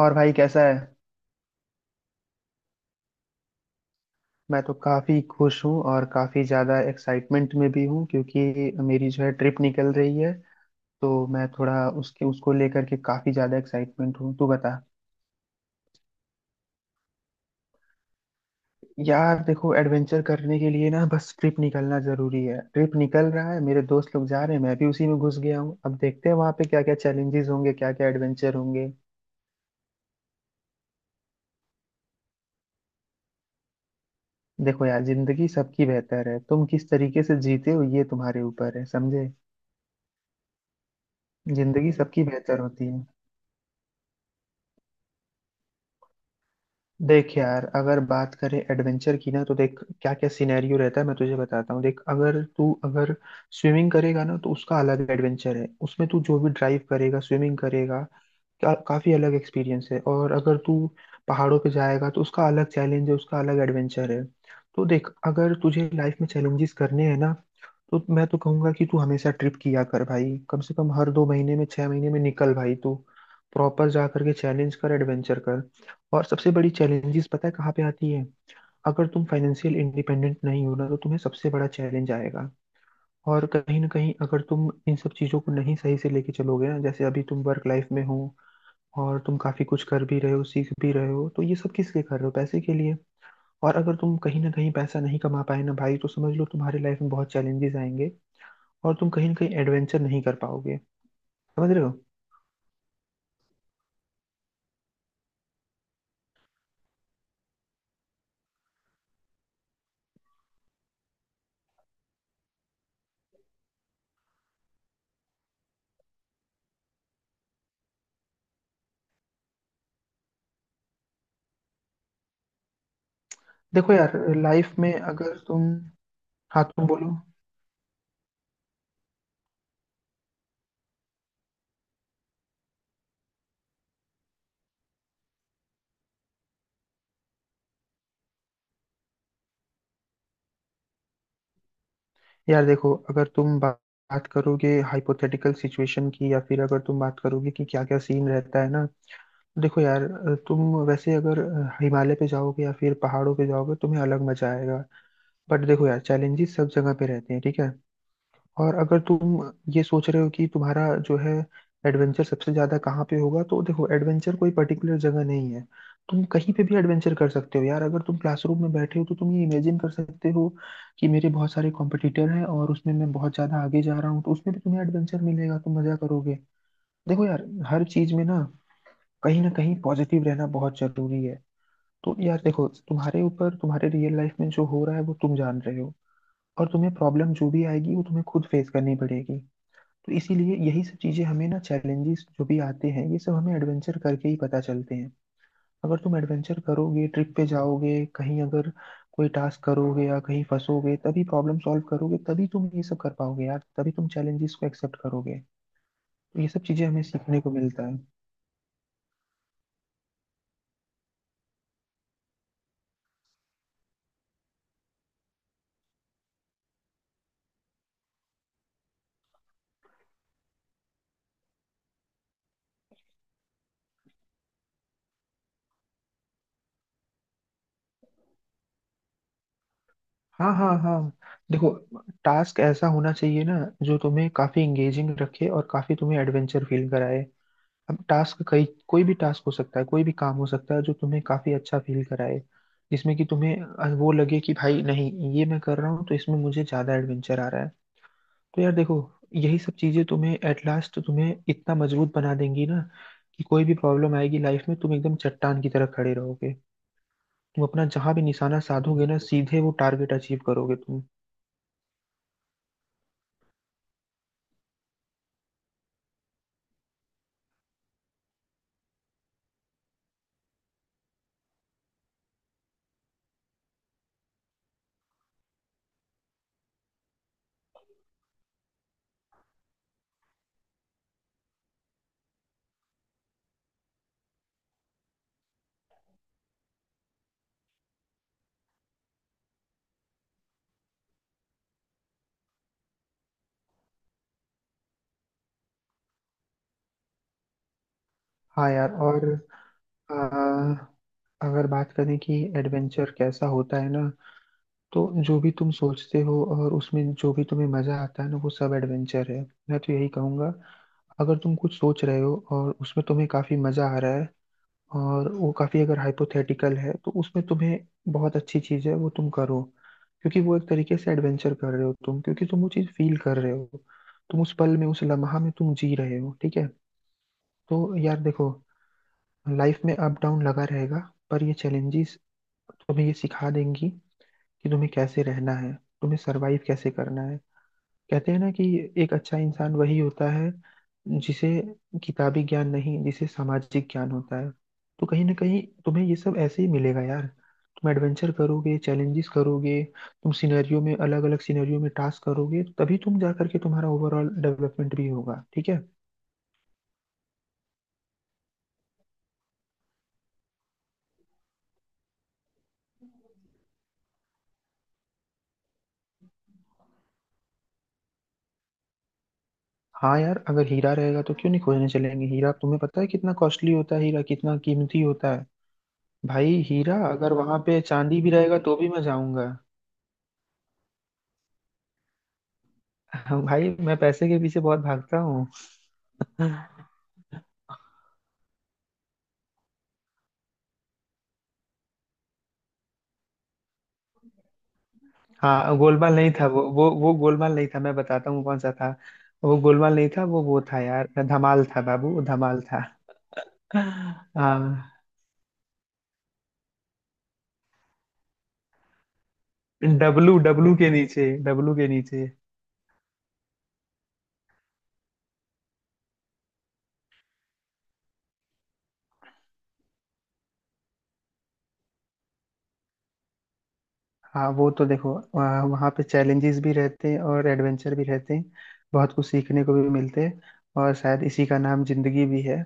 और भाई कैसा है। मैं तो काफ़ी खुश हूँ और काफ़ी ज़्यादा एक्साइटमेंट में भी हूँ क्योंकि मेरी जो है ट्रिप निकल रही है, तो मैं थोड़ा उसके उसको लेकर के काफ़ी ज़्यादा एक्साइटमेंट हूँ, तू बता। यार देखो, एडवेंचर करने के लिए ना बस ट्रिप निकलना ज़रूरी है। ट्रिप निकल रहा है, मेरे दोस्त लोग जा रहे हैं, मैं भी उसी में घुस गया हूँ। अब देखते हैं वहाँ पे क्या क्या चैलेंजेस होंगे, क्या क्या एडवेंचर होंगे। देखो यार, जिंदगी सबकी बेहतर है, तुम किस तरीके से जीते हो ये तुम्हारे ऊपर है, समझे। जिंदगी सबकी बेहतर होती है। देख यार, अगर बात करें एडवेंचर की ना तो देख क्या क्या सिनेरियो रहता है, मैं तुझे बताता हूँ। देख, अगर स्विमिंग करेगा ना तो उसका अलग एडवेंचर है, उसमें तू जो भी ड्राइव करेगा स्विमिंग करेगा काफी अलग एक्सपीरियंस है। और अगर तू पहाड़ों पे जाएगा तो उसका अलग चैलेंज है, उसका अलग एडवेंचर है। तो देख, अगर तुझे लाइफ में चैलेंजेस करने हैं ना, तो मैं तो कहूंगा कि तू हमेशा ट्रिप किया कर भाई, कम से कम हर दो महीने में, छह महीने में निकल भाई तू, प्रॉपर जा करके चैलेंज कर एडवेंचर कर। और सबसे बड़ी चैलेंजेस पता है कहाँ पे आती है, अगर तुम फाइनेंशियल इंडिपेंडेंट नहीं हो ना तो तुम्हें सबसे बड़ा चैलेंज आएगा। और कहीं ना कहीं अगर तुम इन सब चीज़ों को नहीं सही से लेके चलोगे ना, जैसे अभी तुम वर्क लाइफ में हो और तुम काफ़ी कुछ कर भी रहे हो सीख भी रहे हो, तो ये सब किस लिए कर रहे हो, पैसे के लिए। और अगर तुम कहीं ना कहीं पैसा नहीं कमा पाए ना भाई, तो समझ लो तुम्हारी लाइफ में बहुत चैलेंजेस आएंगे और तुम कहीं ना कहीं एडवेंचर नहीं कर पाओगे, समझ रहे हो। देखो यार लाइफ में अगर तुम, हाँ तुम बोलो। यार देखो, अगर तुम बात करोगे हाइपोथेटिकल सिचुएशन की, या फिर अगर तुम बात करोगे कि क्या क्या सीन रहता है ना। देखो यार, तुम वैसे अगर हिमालय पे जाओगे या फिर पहाड़ों पे जाओगे तुम्हें अलग मजा आएगा। बट देखो यार चैलेंजेस सब जगह पे रहते हैं, ठीक है। और अगर तुम ये सोच रहे हो कि तुम्हारा जो है एडवेंचर सबसे ज्यादा कहाँ पे होगा, तो देखो एडवेंचर कोई पर्टिकुलर जगह नहीं है, तुम कहीं पे भी एडवेंचर कर सकते हो यार। अगर तुम क्लासरूम में बैठे हो तो तुम ये इमेजिन कर सकते हो कि मेरे बहुत सारे कॉम्पिटिटर हैं और उसमें मैं बहुत ज्यादा आगे जा रहा हूँ, तो उसमें भी तुम्हें एडवेंचर मिलेगा, तुम मजा करोगे। देखो यार हर चीज में ना कहीं पॉजिटिव रहना बहुत जरूरी है। तो यार देखो, तुम्हारे ऊपर तुम्हारे रियल लाइफ में जो हो रहा है वो तुम जान रहे हो, और तुम्हें प्रॉब्लम जो भी आएगी वो तुम्हें खुद फेस करनी पड़ेगी। तो इसीलिए यही सब चीजें हमें ना, चैलेंजेस जो भी आते हैं ये सब हमें एडवेंचर करके ही पता चलते हैं। अगर तुम एडवेंचर करोगे, ट्रिप पे जाओगे, कहीं अगर कोई टास्क करोगे या कहीं फंसोगे, तभी प्रॉब्लम सॉल्व करोगे, तभी तुम ये सब कर पाओगे यार, तभी तुम चैलेंजेस को एक्सेप्ट करोगे। तो ये सब चीजें हमें सीखने को मिलता है। हाँ हाँ हाँ। देखो, टास्क ऐसा होना चाहिए ना जो तुम्हें काफी इंगेजिंग रखे और काफी तुम्हें एडवेंचर फील कराए। अब टास्क कई कोई भी टास्क हो सकता है, कोई भी काम हो सकता है जो तुम्हें काफी अच्छा फील कराए, जिसमें कि तुम्हें वो लगे कि भाई नहीं ये मैं कर रहा हूँ तो इसमें मुझे ज्यादा एडवेंचर आ रहा है। तो यार देखो, यही सब चीजें तुम्हें एट लास्ट तुम्हें इतना मजबूत बना देंगी ना, कि कोई भी प्रॉब्लम आएगी लाइफ में तुम एकदम चट्टान की तरह खड़े रहोगे, तुम अपना जहां भी निशाना साधोगे ना सीधे वो टारगेट अचीव करोगे तुम। हाँ यार, और अ, अगर बात करें कि एडवेंचर कैसा होता है ना, तो जो भी तुम सोचते हो और उसमें जो भी तुम्हें मजा आता है ना वो सब एडवेंचर है, मैं तो यही कहूंगा। अगर तुम कुछ सोच रहे हो और उसमें तुम्हें काफी मजा आ रहा है, और वो काफी अगर हाइपोथेटिकल है तो उसमें तुम्हें बहुत अच्छी चीज है वो तुम करो, क्योंकि वो एक तरीके से एडवेंचर कर रहे हो तुम, क्योंकि तुम वो चीज फील कर रहे हो, तुम उस पल में, उस लम्हा में तुम जी रहे हो, ठीक है। तो यार देखो, लाइफ में अप डाउन लगा रहेगा, पर ये चैलेंजेस तुम्हें ये सिखा देंगी कि तुम्हें कैसे रहना है, तुम्हें सरवाइव कैसे करना है। कहते हैं ना कि एक अच्छा इंसान वही होता है जिसे किताबी ज्ञान नहीं, जिसे सामाजिक ज्ञान होता है। तो कहीं ना कहीं तुम्हें ये सब ऐसे ही मिलेगा यार, तुम एडवेंचर करोगे चैलेंजेस करोगे, तुम सिनेरियो में अलग अलग सिनेरियो में टास्क करोगे तभी तुम जा करके तुम्हारा ओवरऑल डेवलपमेंट भी होगा, ठीक है। हाँ यार, अगर हीरा रहेगा तो क्यों नहीं खोजने चलेंगे। हीरा तुम्हें पता है कितना कॉस्टली होता है, हीरा कितना कीमती होता है। भाई हीरा अगर, वहां पे चांदी भी रहेगा तो भी मैं जाऊंगा। हाँ, भाई मैं पैसे के पीछे बहुत भागता हूँ। हाँ गोलमाल नहीं था, वो गोलमाल नहीं था, मैं बताता हूँ कौन सा था। वो गोलमाल नहीं था, वो था यार धमाल, था बाबू वो धमाल था। हाँ, डब्लू डब्लू के नीचे, डब्लू के नीचे। हाँ वो तो देखो, वहाँ वहाँ पे चैलेंजेस भी रहते हैं और एडवेंचर भी रहते हैं, बहुत कुछ सीखने को भी मिलते हैं। और शायद इसी का नाम जिंदगी भी है,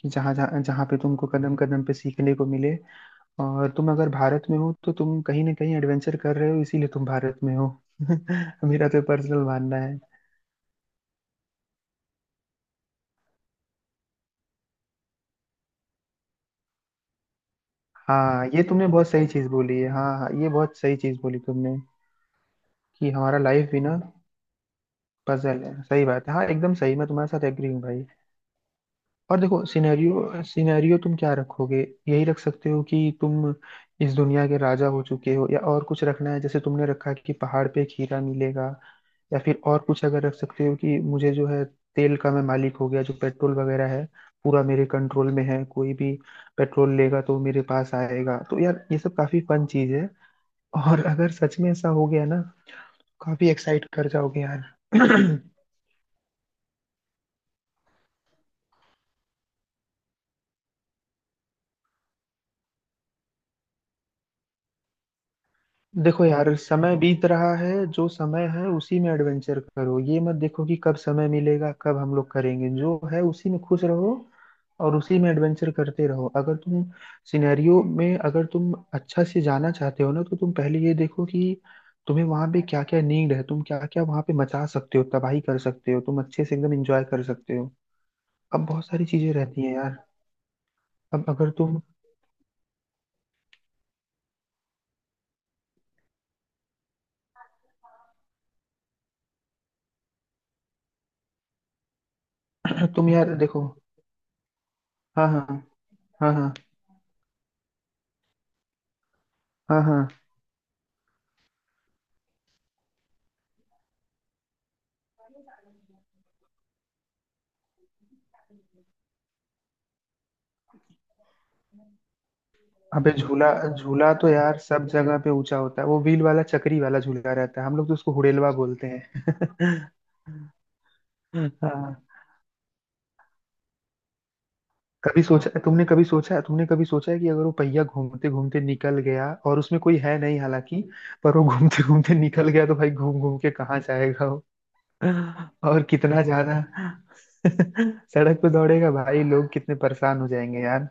कि जहाँ जहाँ जहाँ पे तुमको कदम कदम पे सीखने को मिले। और तुम अगर भारत में हो तो तुम कहीं ना कहीं एडवेंचर कर रहे हो, इसीलिए तुम भारत में हो। मेरा तो पर्सनल मानना है। हाँ ये तुमने बहुत सही चीज बोली है, हाँ हाँ ये बहुत सही चीज बोली तुमने, कि हमारा लाइफ भी ना पजल है, सही बात है, हाँ एकदम सही, मैं तुम्हारे साथ एग्री हूँ भाई। और देखो, सिनेरियो सिनेरियो तुम क्या रखोगे, यही रख सकते हो कि तुम इस दुनिया के राजा हो चुके हो, या और कुछ रखना है जैसे तुमने रखा कि पहाड़ पे खीरा मिलेगा। या फिर और कुछ अगर रख सकते हो, कि मुझे जो है तेल का मैं मालिक हो गया, जो पेट्रोल वगैरह है पूरा मेरे कंट्रोल में है, कोई भी पेट्रोल लेगा तो वो मेरे पास आएगा। तो यार ये सब काफी फन चीज है, और अगर सच में ऐसा हो गया ना, काफी एक्साइट कर जाओगे यार। देखो यार, समय बीत रहा है, जो समय है उसी में एडवेंचर करो, ये मत देखो कि कब समय मिलेगा कब हम लोग करेंगे, जो है उसी में खुश रहो और उसी में एडवेंचर करते रहो। अगर तुम सिनेरियो में, अगर तुम अच्छा से जाना चाहते हो ना तो तुम पहले ये देखो कि तुम्हें वहां पे क्या क्या नीड है, तुम क्या क्या वहां पे मचा सकते हो, तबाही कर सकते हो, तुम अच्छे से एकदम एंजॉय कर सकते हो। अब बहुत सारी चीजें रहती हैं यार। अब अगर तुम तुम यार देखो। हाँ हाँ हाँ। हाँ हाँ हाँ हाँ। अबे झूला, झूला तो यार सब जगह पे ऊंचा होता है, वो व्हील वाला चक्री वाला झूला रहता है, हम लोग तो उसको हुडेलवा बोलते हैं। हाँ, कभी सोचा है कि अगर वो पहिया घूमते घूमते निकल गया और उसमें कोई है नहीं, हालांकि, पर वो घूमते घूमते निकल गया तो भाई घूम घूम के कहाँ जाएगा वो। और कितना ज्यादा सड़क पे दौड़ेगा भाई, लोग कितने परेशान हो जाएंगे यार।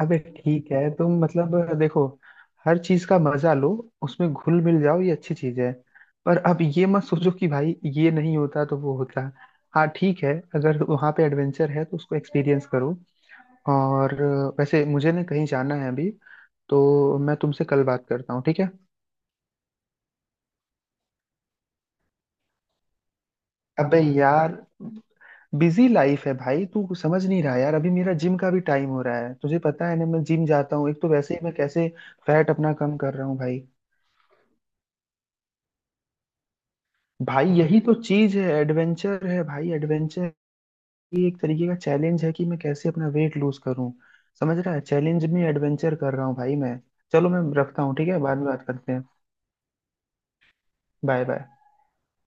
अबे ठीक है, तुम मतलब देखो हर चीज का मजा लो, उसमें घुल मिल जाओ, ये अच्छी चीज है। पर अब ये मत सोचो कि भाई ये नहीं होता तो वो होता। हाँ ठीक है, अगर वहाँ पे एडवेंचर है तो उसको एक्सपीरियंस करो। और वैसे मुझे ना कहीं जाना है अभी, तो मैं तुमसे कल बात करता हूँ, ठीक है। अबे यार, बिजी लाइफ है भाई, तू समझ नहीं रहा यार, अभी मेरा जिम का भी टाइम हो रहा है, तुझे पता है ना मैं जिम जाता हूँ, एक तो वैसे ही मैं कैसे फैट अपना कम कर रहा हूँ भाई। भाई यही तो चीज है, एडवेंचर है भाई एडवेंचर, ये एक तरीके का चैलेंज है कि मैं कैसे अपना वेट लूज करूं, समझ रहा है, चैलेंज में एडवेंचर कर रहा हूँ भाई मैं। चलो मैं रखता हूँ ठीक है, बाद में बात करते हैं। Bye bye.